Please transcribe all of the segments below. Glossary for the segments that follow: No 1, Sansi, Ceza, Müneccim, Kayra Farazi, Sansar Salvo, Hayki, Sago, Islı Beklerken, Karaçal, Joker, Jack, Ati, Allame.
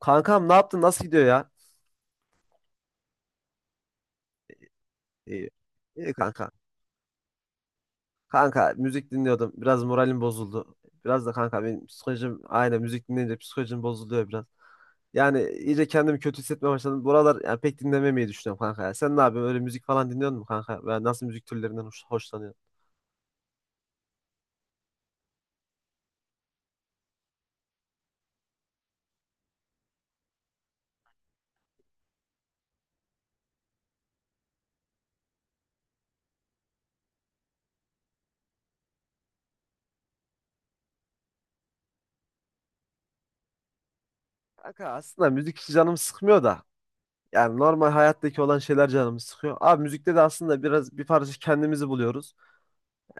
Kankam ne yaptın? Nasıl gidiyor ya? İyi. İyi kanka. Kanka müzik dinliyordum. Biraz moralim bozuldu. Biraz da kanka benim psikolojim aynen müzik dinleyince psikolojim bozuluyor biraz. Yani iyice kendimi kötü hissetmeye başladım. Buralar yani pek dinlememeyi düşünüyorum kanka ya. Sen ne yapıyorsun? Öyle müzik falan dinliyor musun kanka? Veya nasıl müzik türlerinden hoşlanıyorsun? Kanka aslında müzik hiç canımı sıkmıyor da. Yani normal hayattaki olan şeyler canımı sıkıyor. Abi müzikte de aslında biraz bir parça kendimizi buluyoruz.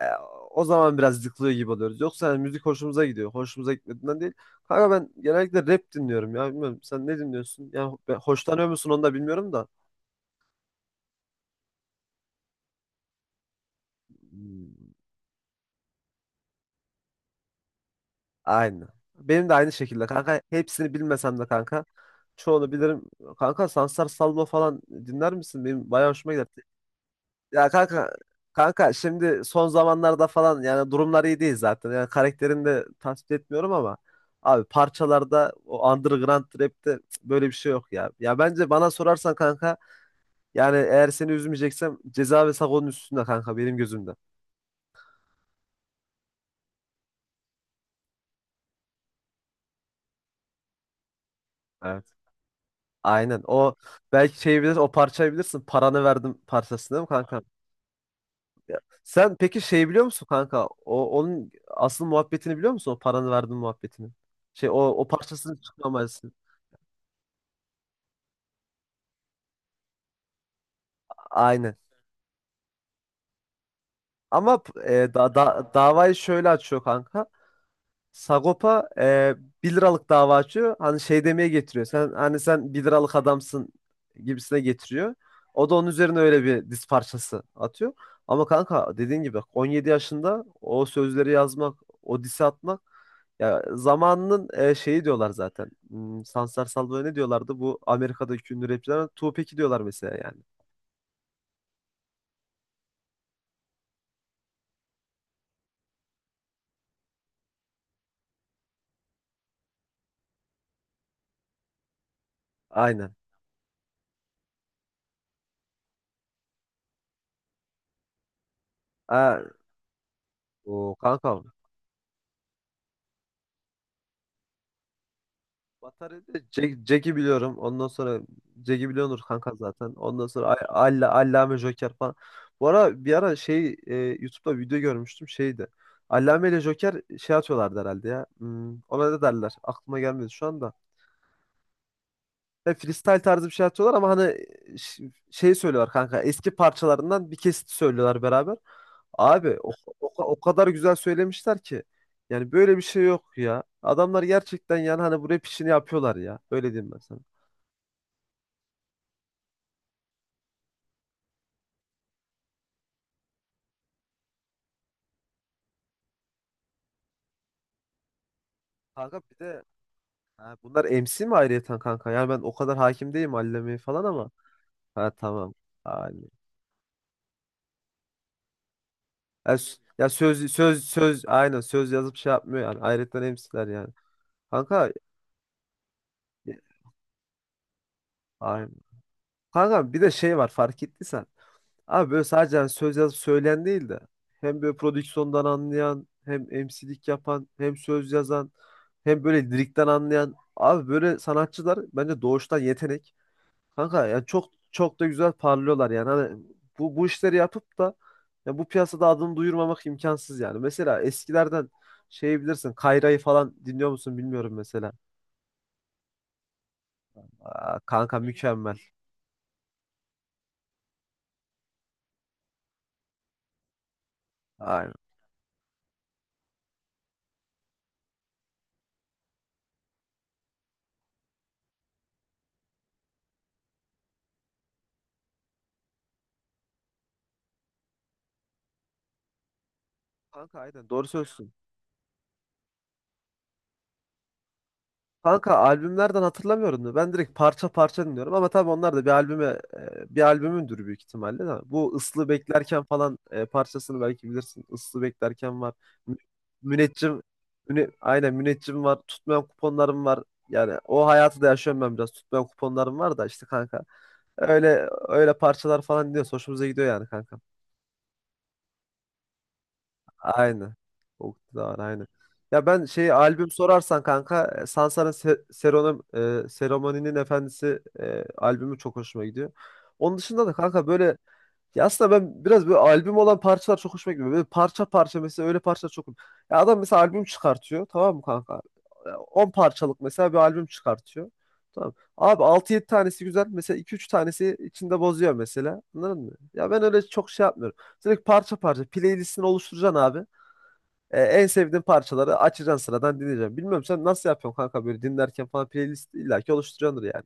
E, o zaman biraz yıkılıyor gibi oluyoruz. Yoksa yani müzik hoşumuza gidiyor. Hoşumuza gitmediğinden değil. Kanka ben genellikle rap dinliyorum ya. Bilmiyorum sen ne dinliyorsun? Yani hoşlanıyor musun onu da bilmiyorum da. Hmm. Aynı. Benim de aynı şekilde kanka. Hepsini bilmesem de kanka. Çoğunu bilirim. Kanka Sansar Salvo falan dinler misin? Benim bayağı hoşuma gider. Ya kanka şimdi son zamanlarda falan yani durumlar iyi değil zaten. Yani karakterini de tasvip etmiyorum ama abi parçalarda o underground rap'te böyle bir şey yok ya. Ya bence bana sorarsan kanka yani eğer seni üzmeyeceksem Ceza ve Sago'nun üstünde kanka benim gözümde. Evet. Aynen. O belki şey bilir, o parçayı bilirsin. Paranı verdim parçasını, değil mi kanka? Sen peki şey biliyor musun kanka? O onun asıl muhabbetini biliyor musun? O paranı verdim muhabbetini. Şey o parçasını çıkmaması. Aynen. Ama davayı şöyle açıyor kanka. Sagopa 1 liralık dava açıyor. Hani şey demeye getiriyor. Sen hani sen 1 liralık adamsın gibisine getiriyor. O da onun üzerine öyle bir diz parçası atıyor. Ama kanka dediğin gibi 17 yaşında o sözleri yazmak, o disi atmak ya zamanının şeyi diyorlar zaten. Sansar Salvo'ya ne diyorlardı? Bu Amerika'daki ünlü rapçilere Tupac'i diyorlar mesela yani. Aynen. Aa, o kankam. Batarya'da Jack'i biliyorum. Ondan sonra Jack'i biliyordur kanka zaten. Ondan sonra Allame Joker falan. Bu ara bir ara YouTube'da video görmüştüm şeydi. Allame ile Joker şey atıyorlardı herhalde ya. Ona ne derler? Aklıma gelmedi şu anda. Ya freestyle tarzı bir şey atıyorlar ama hani şey söylüyorlar kanka. Eski parçalarından bir kesit söylüyorlar beraber. Abi o kadar güzel söylemişler ki yani böyle bir şey yok ya. Adamlar gerçekten yani hani bu rap işini yapıyorlar ya. Öyle diyeyim ben sana. Kanka bir de ha, bunlar MC mi ayrıyeten kanka? Yani ben o kadar hakim değilim Allame'ye falan ama. Ha, tamam. Aynen. Ya, söz yazıp şey yapmıyor yani. Ayrıyeten MC'ler yani. Kanka aynen. Kanka bir de şey var fark ettiysen. Abi böyle sadece hani söz yazıp söyleyen değil de hem böyle prodüksiyondan anlayan hem MC'lik yapan hem söz yazan hem böyle lirikten anlayan abi böyle sanatçılar bence doğuştan yetenek. Kanka yani çok çok da güzel parlıyorlar yani. Hani bu işleri yapıp da ya bu piyasada adını duyurmamak imkansız yani. Mesela eskilerden şey bilirsin Kayra'yı falan dinliyor musun bilmiyorum mesela. Aa, kanka mükemmel. Aynen. Kanka aynen doğru söylüyorsun. Kanka albümlerden hatırlamıyorum da ben direkt parça parça dinliyorum ama tabii onlar da bir albümündür büyük ihtimalle de. Bu Islı Beklerken falan parçasını belki bilirsin. Islı Beklerken var. Mü- Müneccim müne, aynen Müneccim var. Tutmayan kuponlarım var. Yani o hayatı da yaşıyorum ben biraz. Tutmayan kuponlarım var da işte kanka. Öyle öyle parçalar falan dinliyoruz. Hoşumuza gidiyor yani kanka. Aynı, Oktu da var aynen. Ya ben şey albüm sorarsan kanka Sansar'ın Seromani'nin Efendisi albümü çok hoşuma gidiyor. Onun dışında da kanka böyle ya aslında ben biraz böyle albüm olan parçalar çok hoşuma gidiyor. Böyle parça parça mesela öyle parça çok. Ya adam mesela albüm çıkartıyor, tamam mı kanka? E, 10 parçalık mesela bir albüm çıkartıyor. Tamam. Abi altı yedi tanesi güzel. Mesela iki üç tanesi içinde bozuyor mesela. Anladın mı? Ya ben öyle çok şey yapmıyorum. Direkt parça parça playlistini oluşturacaksın abi. E, en sevdiğin parçaları açacaksın sıradan dinleyeceksin. Bilmiyorum sen nasıl yapıyorsun kanka böyle dinlerken falan playlist illaki oluşturuyordur yani.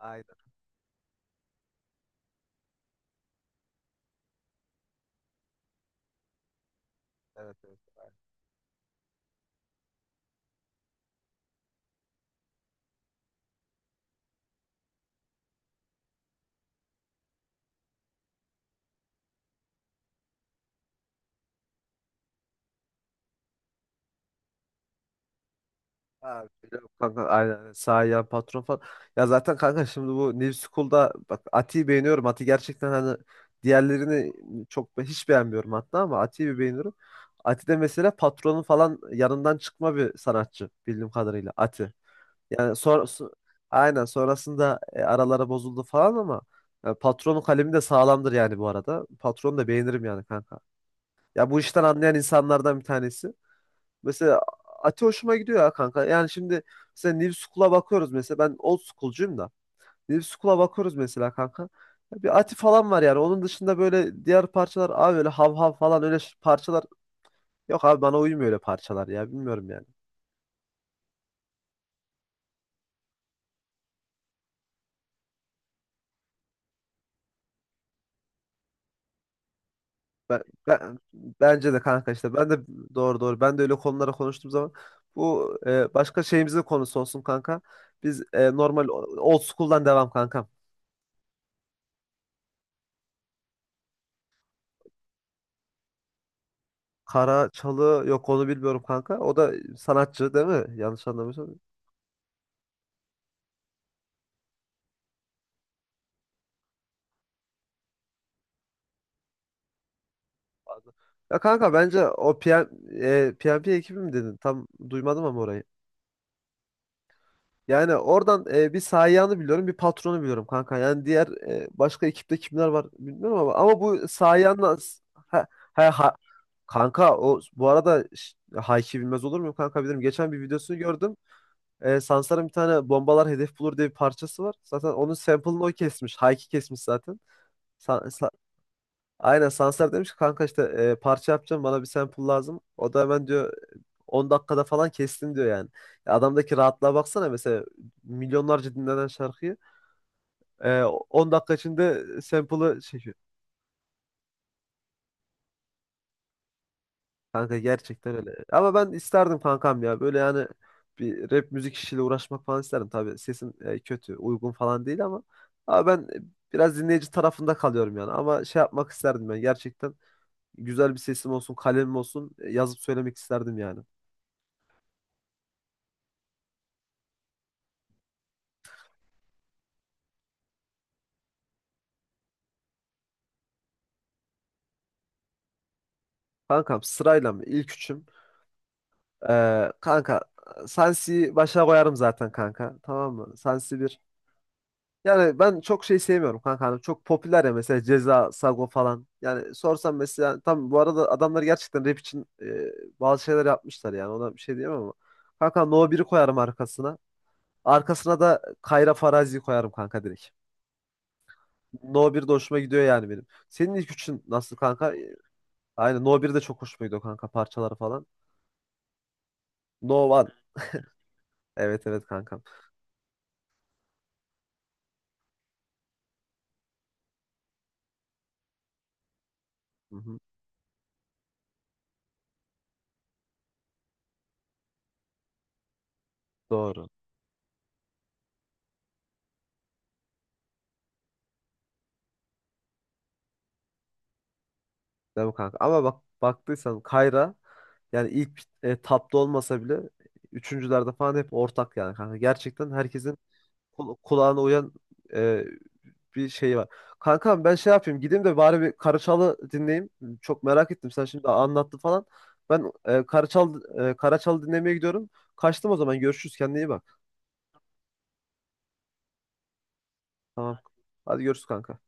Aynen, evet, evet. Abi, biliyorum kanka, aynen, aynen. Sağ yan patron falan. Ya zaten kanka şimdi bu New School'da bak Ati'yi beğeniyorum. Ati gerçekten hani diğerlerini hiç beğenmiyorum hatta ama Ati'yi bir beğeniyorum. Ati de mesela patronun falan yanından çıkma bir sanatçı bildiğim kadarıyla Ati. Yani sonra aynen sonrasında araları bozuldu falan ama patronun kalemi de sağlamdır yani bu arada. Patronu da beğenirim yani kanka. Ya bu işten anlayan insanlardan bir tanesi. Mesela Ati hoşuma gidiyor ya kanka. Yani şimdi mesela New School'a bakıyoruz mesela. Ben old school'cuyum da. New School'a bakıyoruz mesela kanka. Ya bir Ati falan var yani. Onun dışında böyle diğer parçalar abi öyle hav hav falan öyle parçalar. Yok abi bana uymuyor öyle parçalar ya. Bilmiyorum yani. Bence de kanka işte ben de doğru doğru ben de öyle konulara konuştuğum zaman bu başka şeyimizin konusu olsun kanka. Biz normal old school'dan devam kankam. Kara Çalı yok, onu bilmiyorum kanka. O da sanatçı değil mi? Yanlış anlamıyorsam. Ya kanka bence o PM, PMP ekibi mi dedin? Tam duymadım ama orayı. Yani oradan bir Sayan'ı biliyorum, bir patronu biliyorum kanka. Yani diğer başka ekipte kimler var bilmiyorum ama bu Sayan'la ha, ha, ha- kanka o bu arada Hayki bilmez olur muyum kanka, bilirim. Geçen bir videosunu gördüm. E, Sansar'ın bir tane bombalar hedef bulur diye bir parçası var. Zaten onun sample'ını o kesmiş. Hayki kesmiş zaten. Aynen Sansar demiş ki kanka işte parça yapacağım, bana bir sample lazım. O da hemen diyor 10 dakikada falan kestim diyor yani. Ya adamdaki rahatlığa baksana, mesela milyonlarca dinlenen şarkıyı e, 10 dakika içinde sample'ı çekiyor. Kanka gerçekten öyle. Ama ben isterdim kankam ya böyle yani bir rap müzik işiyle uğraşmak falan isterdim. Tabii sesim kötü uygun falan değil ama ben biraz dinleyici tarafında kalıyorum yani. Ama şey yapmak isterdim ben, gerçekten güzel bir sesim olsun, kalemim olsun yazıp söylemek isterdim yani. Kankam sırayla mı? İlk üçüm. Kanka Sansi'yi başa koyarım zaten kanka. Tamam mı? Sansi bir. Yani ben çok şey sevmiyorum kanka. Hani çok popüler ya mesela Ceza, Sago falan. Yani sorsam mesela yani tam bu arada adamlar gerçekten rap için bazı şeyler yapmışlar yani. Ona bir şey diyemem ama. Kanka No 1'i koyarım arkasına. Arkasına da Kayra Farazi'yi koyarım kanka direkt. No 1 de hoşuma gidiyor yani benim. Senin ilk üçün nasıl kanka? Aynen No 1 de çok hoşuma gidiyor kanka parçaları falan. No 1. Evet, evet kanka. Hı hı. Doğru. Değil mi kanka? Ama bak baktıysan Kayra yani ilk tapta olmasa bile üçüncülerde falan hep ortak yani kanka. Gerçekten herkesin kulağına uyan e, bir şey var. Kankam ben şey yapayım gideyim de bari bir Karaçal'ı dinleyeyim. Çok merak ettim sen şimdi anlattın falan. Ben Karaçal'ı dinlemeye gidiyorum. Kaçtım o zaman, görüşürüz, kendine iyi bak. Tamam. Hadi görüşürüz kanka.